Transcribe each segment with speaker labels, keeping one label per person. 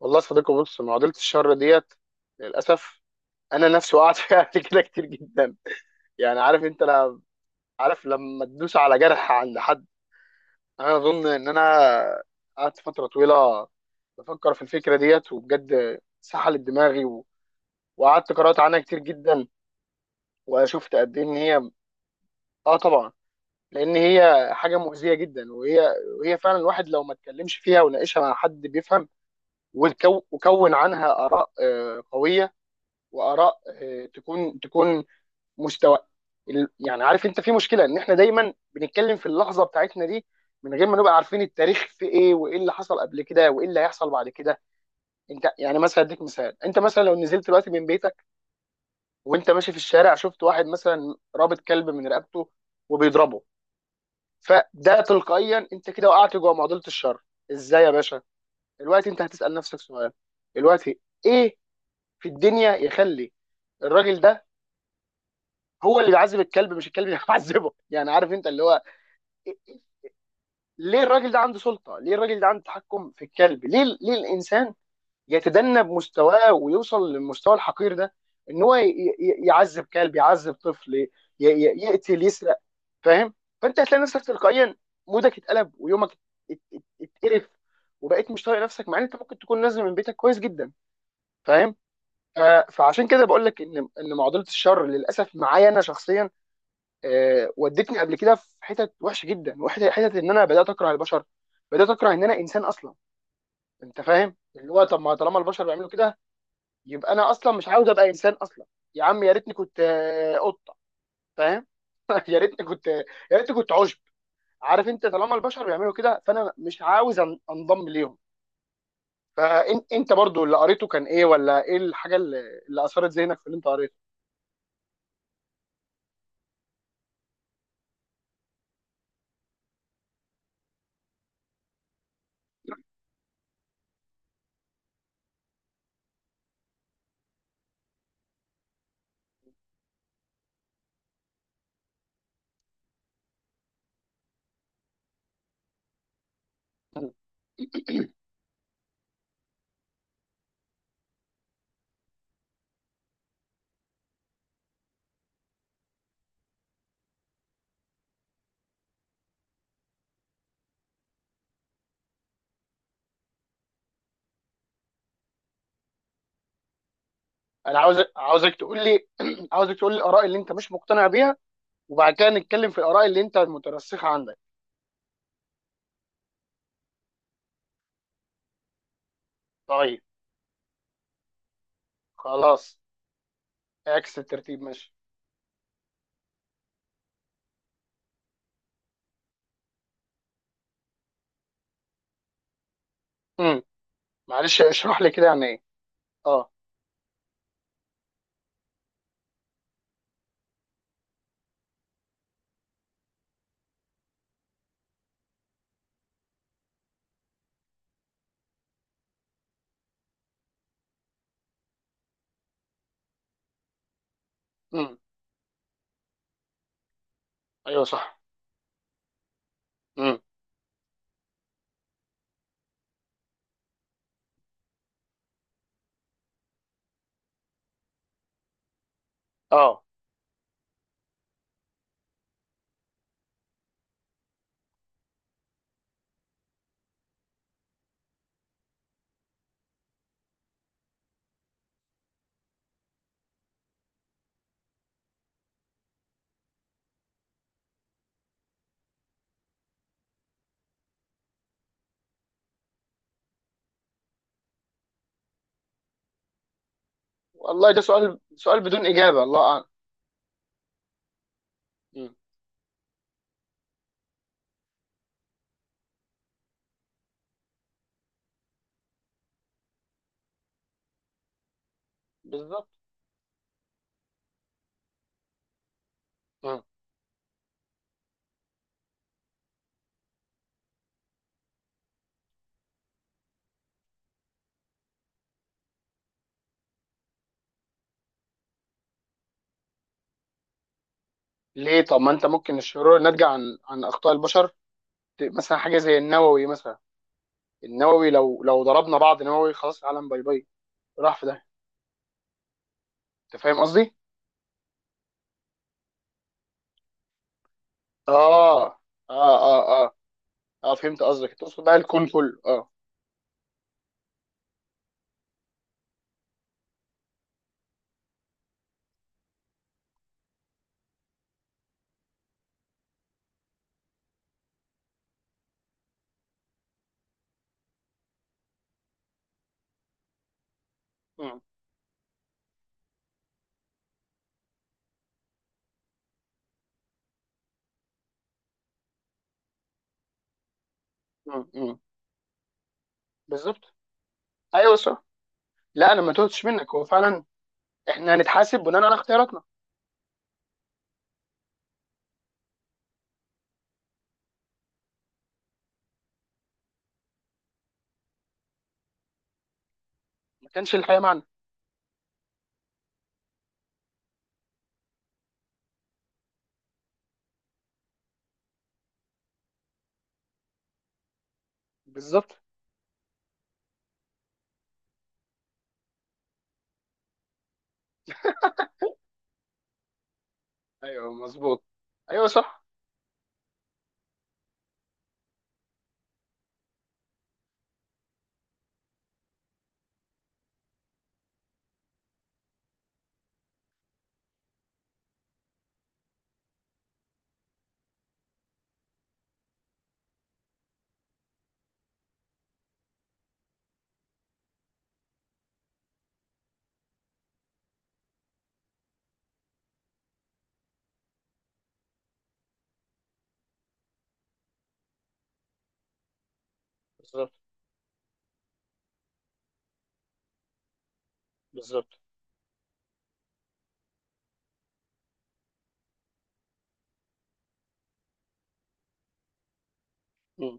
Speaker 1: والله يا صديقي، بص، معضله الشر ديت للاسف. انا نفسي وقعت فيها قبل كده كتير جدا. يعني عارف انت؟ لا، عارف لما تدوس على جرح عند حد. انا اظن ان انا قعدت فتره طويله بفكر في الفكره ديت، وبجد سحلت دماغي وقعدت قرات عنها كتير جدا، وشفت قد ايه ان هي. اه طبعا، لان هي حاجه مؤذيه جدا، وهي فعلا الواحد لو ما اتكلمش فيها وناقشها مع حد بيفهم وكون عنها اراء قويه، واراء تكون مستوى. يعني عارف انت، في مشكله ان احنا دايما بنتكلم في اللحظه بتاعتنا دي من غير ما نبقى عارفين التاريخ في ايه، وايه اللي حصل قبل كده، وايه اللي هيحصل بعد كده. انت يعني مثلا اديك مثال: انت مثلا لو نزلت دلوقتي من بيتك، وانت ماشي في الشارع، شفت واحد مثلا رابط كلب من رقبته وبيضربه، فده تلقائيا انت كده وقعت جوه معضله الشر. ازاي يا باشا؟ دلوقتي انت هتسال نفسك سؤال. دلوقتي ايه في الدنيا يخلي الراجل ده هو اللي بيعذب الكلب مش الكلب اللي بيعذبه؟ يعني عارف انت، اللي هو ليه الراجل ده عنده سلطه؟ ليه الراجل ده عنده تحكم في الكلب؟ ليه الانسان يتدنى بمستواه ويوصل للمستوى الحقير ده، ان هو يعذب كلب، يعذب طفل، يقتل، يسرق؟ فاهم؟ فانت هتلاقي نفسك تلقائيا مودك اتقلب، ويومك اتقرف، وبقيت مش طايق نفسك، مع ان انت ممكن تكون نازل من بيتك كويس جدا. فاهم؟ ف- فعشان كده بقول لك ان معضله الشر للاسف معايا انا شخصيا ودتني قبل كده في حتت وحشه جدا، وحتت ان انا بدات اكره البشر، بدات اكره ان انا انسان اصلا. انت فاهم؟ اللي هو طب ما طالما البشر بيعملوا كده، يبقى انا اصلا مش عاوز ابقى انسان اصلا. يا عم، يا ريتني كنت قطه. فاهم؟ يا ريتني كنت يا ريتني كنت عشب. عارف انت، طالما البشر بيعملوا كده فانا مش عاوز انضم ليهم. فانت، انت برضو اللي قريته كان ايه؟ ولا ايه الحاجه اللي اثرت ذهنك في اللي انت قريته؟ انا عاوزك تقول لي، عاوزك تقول لي الاراء اللي انت مش مقتنع بيها، وبعد كده نتكلم في الآراء اللي أنت مترسخة عندك. طيب، خلاص، عكس الترتيب ماشي. امم معلش اشرح لي كده يعني إيه. أه. امم، أيوه صح. امم، أه، والله ده سؤال بدون إجابة، الله أعلم. امم بالظبط. امم ليه؟ طب ما أنت ممكن الشرور ناتجة عن أخطاء البشر. مثلا حاجة زي النووي مثلا، النووي لو ضربنا بعض نووي خلاص العالم باي باي، راح في ده. أنت فاهم قصدي؟ آه، آه، آه، آه، آه، فهمت قصدك، تقصد بقى الكون كله. أه. امم، امم، بالظبط، ايوه صح. لا، انا ما توتش منك، هو فعلا احنا هنتحاسب بناء على اختياراتنا. ما كانش الحياه معانا. بالظبط، ايوه مظبوط، ايوه صح، بالظبط، بالظبط. مم.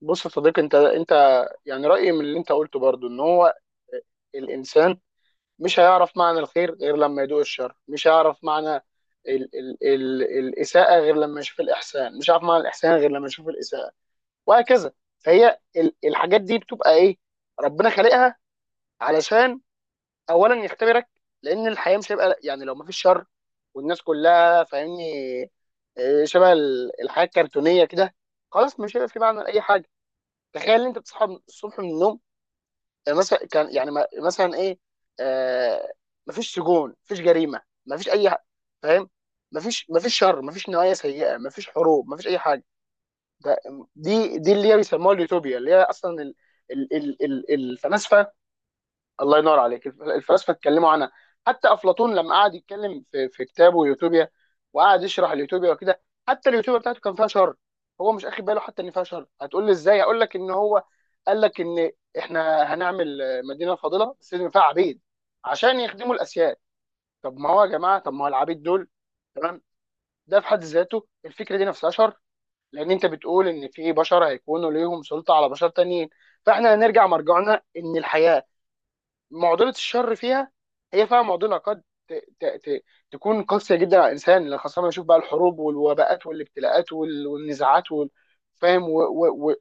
Speaker 1: بص يا صديقي انت يعني رايي من اللي انت قلته برضو ان هو الانسان مش هيعرف معنى الخير غير لما يدوق الشر، مش هيعرف معنى ال ال ال الاساءه غير لما يشوف الاحسان، مش هيعرف معنى الاحسان غير لما يشوف الاساءه، وهكذا. فهي الحاجات دي بتبقى ايه؟ ربنا خالقها علشان اولا يختبرك، لان الحياه مش هيبقى يعني، لو مفيش شر والناس كلها فاهمني، شبه الحياه الكرتونيه كده، خلاص مش هيبقى في معنى لاي حاجه. تخيل ان انت بتصحى الصبح من النوم، مثلا كان يعني، مثلا ايه، آه مفيش سجون، مفيش جريمه، فاهم، مفيش شر، مفيش نوايا سيئه، مفيش حروب، مفيش اي حاجه. ده دي دي اللي هي بيسموها اليوتوبيا، اللي هي اصلا ال ال ال ال الفلاسفه. الله ينور عليك، الفلاسفه اتكلموا عنها. حتى افلاطون لما قعد يتكلم في كتابه يوتوبيا وقعد يشرح اليوتوبيا وكده، حتى اليوتوبيا بتاعته كان فيها شر. هو مش اخد باله حتى ان فيها شر. هتقول لي ازاي؟ هقول لك ان هو قال لك ان احنا هنعمل مدينه فاضله بس لازم فيها عبيد عشان يخدموا الاسياد. طب ما هو يا جماعه، طب ما هو العبيد دول؟ تمام. ده في حد ذاته الفكره دي نفسها شر، لان انت بتقول ان في بشر هيكونوا ليهم سلطه على بشر تانيين. فاحنا هنرجع مرجعنا ان الحياه، معضله الشر فيها، هي فعلا معضله قد ت... ت... ت... تكون قاسيه جدا على الانسان، لأن خاصه لما نشوف بقى الحروب والوباءات والابتلاءات والنزاعات فاهم،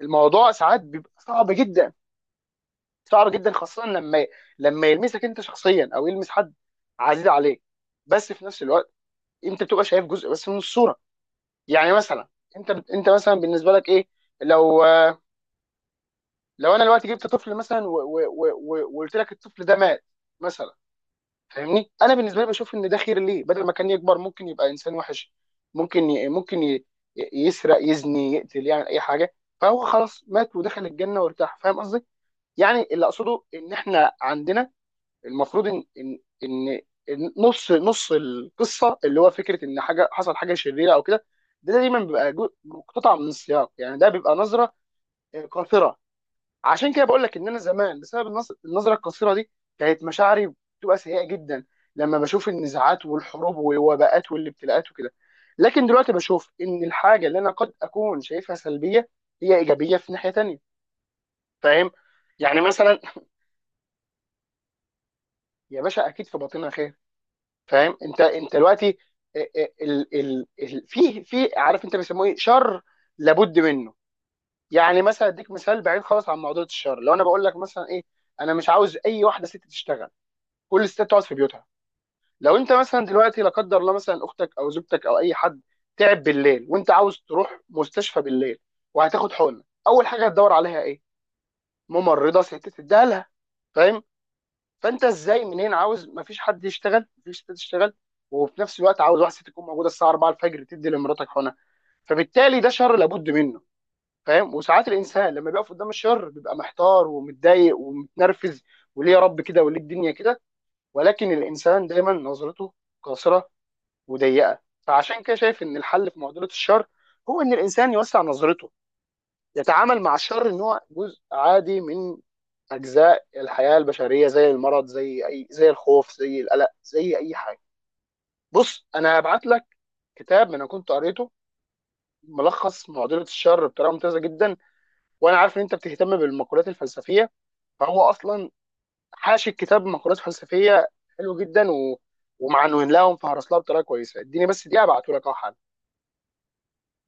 Speaker 1: الموضوع ساعات بيبقى صعب جدا. صعب جدا خاصه لما يلمسك انت شخصيا، او يلمس حد عزيز عليك. بس في نفس الوقت انت بتبقى شايف جزء بس من الصوره. يعني مثلا انت مثلا بالنسبه لك ايه، لو لو انا دلوقتي جبت طفل مثلا وقلت لك الطفل ده مات مثلا، فاهمني؟ انا بالنسبه لي بشوف ان ده خير ليه، بدل ما كان يكبر ممكن يبقى انسان وحش، ممكن ي... ممكن ي... يسرق، يزني، يقتل، يعني اي حاجه، فهو خلاص مات ودخل الجنه وارتاح. فاهم قصدي؟ يعني اللي اقصده ان احنا عندنا المفروض ان ان ان إن نص القصه، اللي هو فكره ان حاجه حصل حاجه شريره او كده، ده دايما بيبقى مقتطع من السياق. يعني ده بيبقى نظره قاصره، عشان كده بقول لك ان انا زمان بسبب النظره القصيره دي كانت مشاعري بتبقى سيئه جدا لما بشوف النزاعات والحروب والوباءات والابتلاءات وكده. لكن دلوقتي بشوف ان الحاجه اللي انا قد اكون شايفها سلبيه هي ايجابيه في ناحيه تانيه، فاهم؟ يعني مثلا يا باشا، اكيد في باطنها خير. فاهم؟ انت دلوقتي في عارف انت بيسموه ايه؟ شر لابد منه. يعني مثلا اديك مثال بعيد خالص عن موضوع الشر، لو انا بقول لك مثلا ايه، انا مش عاوز اي واحده ست تشتغل، كل الستات تقعد في بيوتها. لو انت مثلا دلوقتي، لا قدر الله، مثلا اختك او زوجتك او اي حد تعب بالليل، وانت عاوز تروح مستشفى بالليل وهتاخد حقنه، اول حاجه هتدور عليها ايه؟ ممرضه ست تديها لها. فاهم؟ فانت ازاي؟ منين عاوز مفيش حد يشتغل، مفيش ست تشتغل، وفي نفس الوقت عاوز واحده ست تكون موجوده الساعه 4 الفجر تدي لمراتك حقنه. فبالتالي ده شر لابد منه. فاهم؟ وساعات الانسان لما بيقف قدام الشر بيبقى محتار ومتضايق ومتنرفز، وليه يا رب كده؟ وليه الدنيا كده؟ ولكن الانسان دايما نظرته قاصره وضيقه. فعشان كده شايف ان الحل في معضله الشر هو ان الانسان يوسع نظرته، يتعامل مع الشر ان هو جزء عادي من اجزاء الحياه البشريه، زي المرض، زي الخوف، زي القلق، زي اي حاجه. بص انا هبعت لك كتاب انا كنت قريته، ملخص معضله الشر بطريقه ممتازه جدا. وانا عارف ان انت بتهتم بالمقولات الفلسفيه، فهو اصلا حاشي الكتاب مقولات فلسفيه حلوه جدا ومعنوين لهم فهرس لها بطريقه كويسه. اديني بس دقيقه ابعته لك اهو حالا.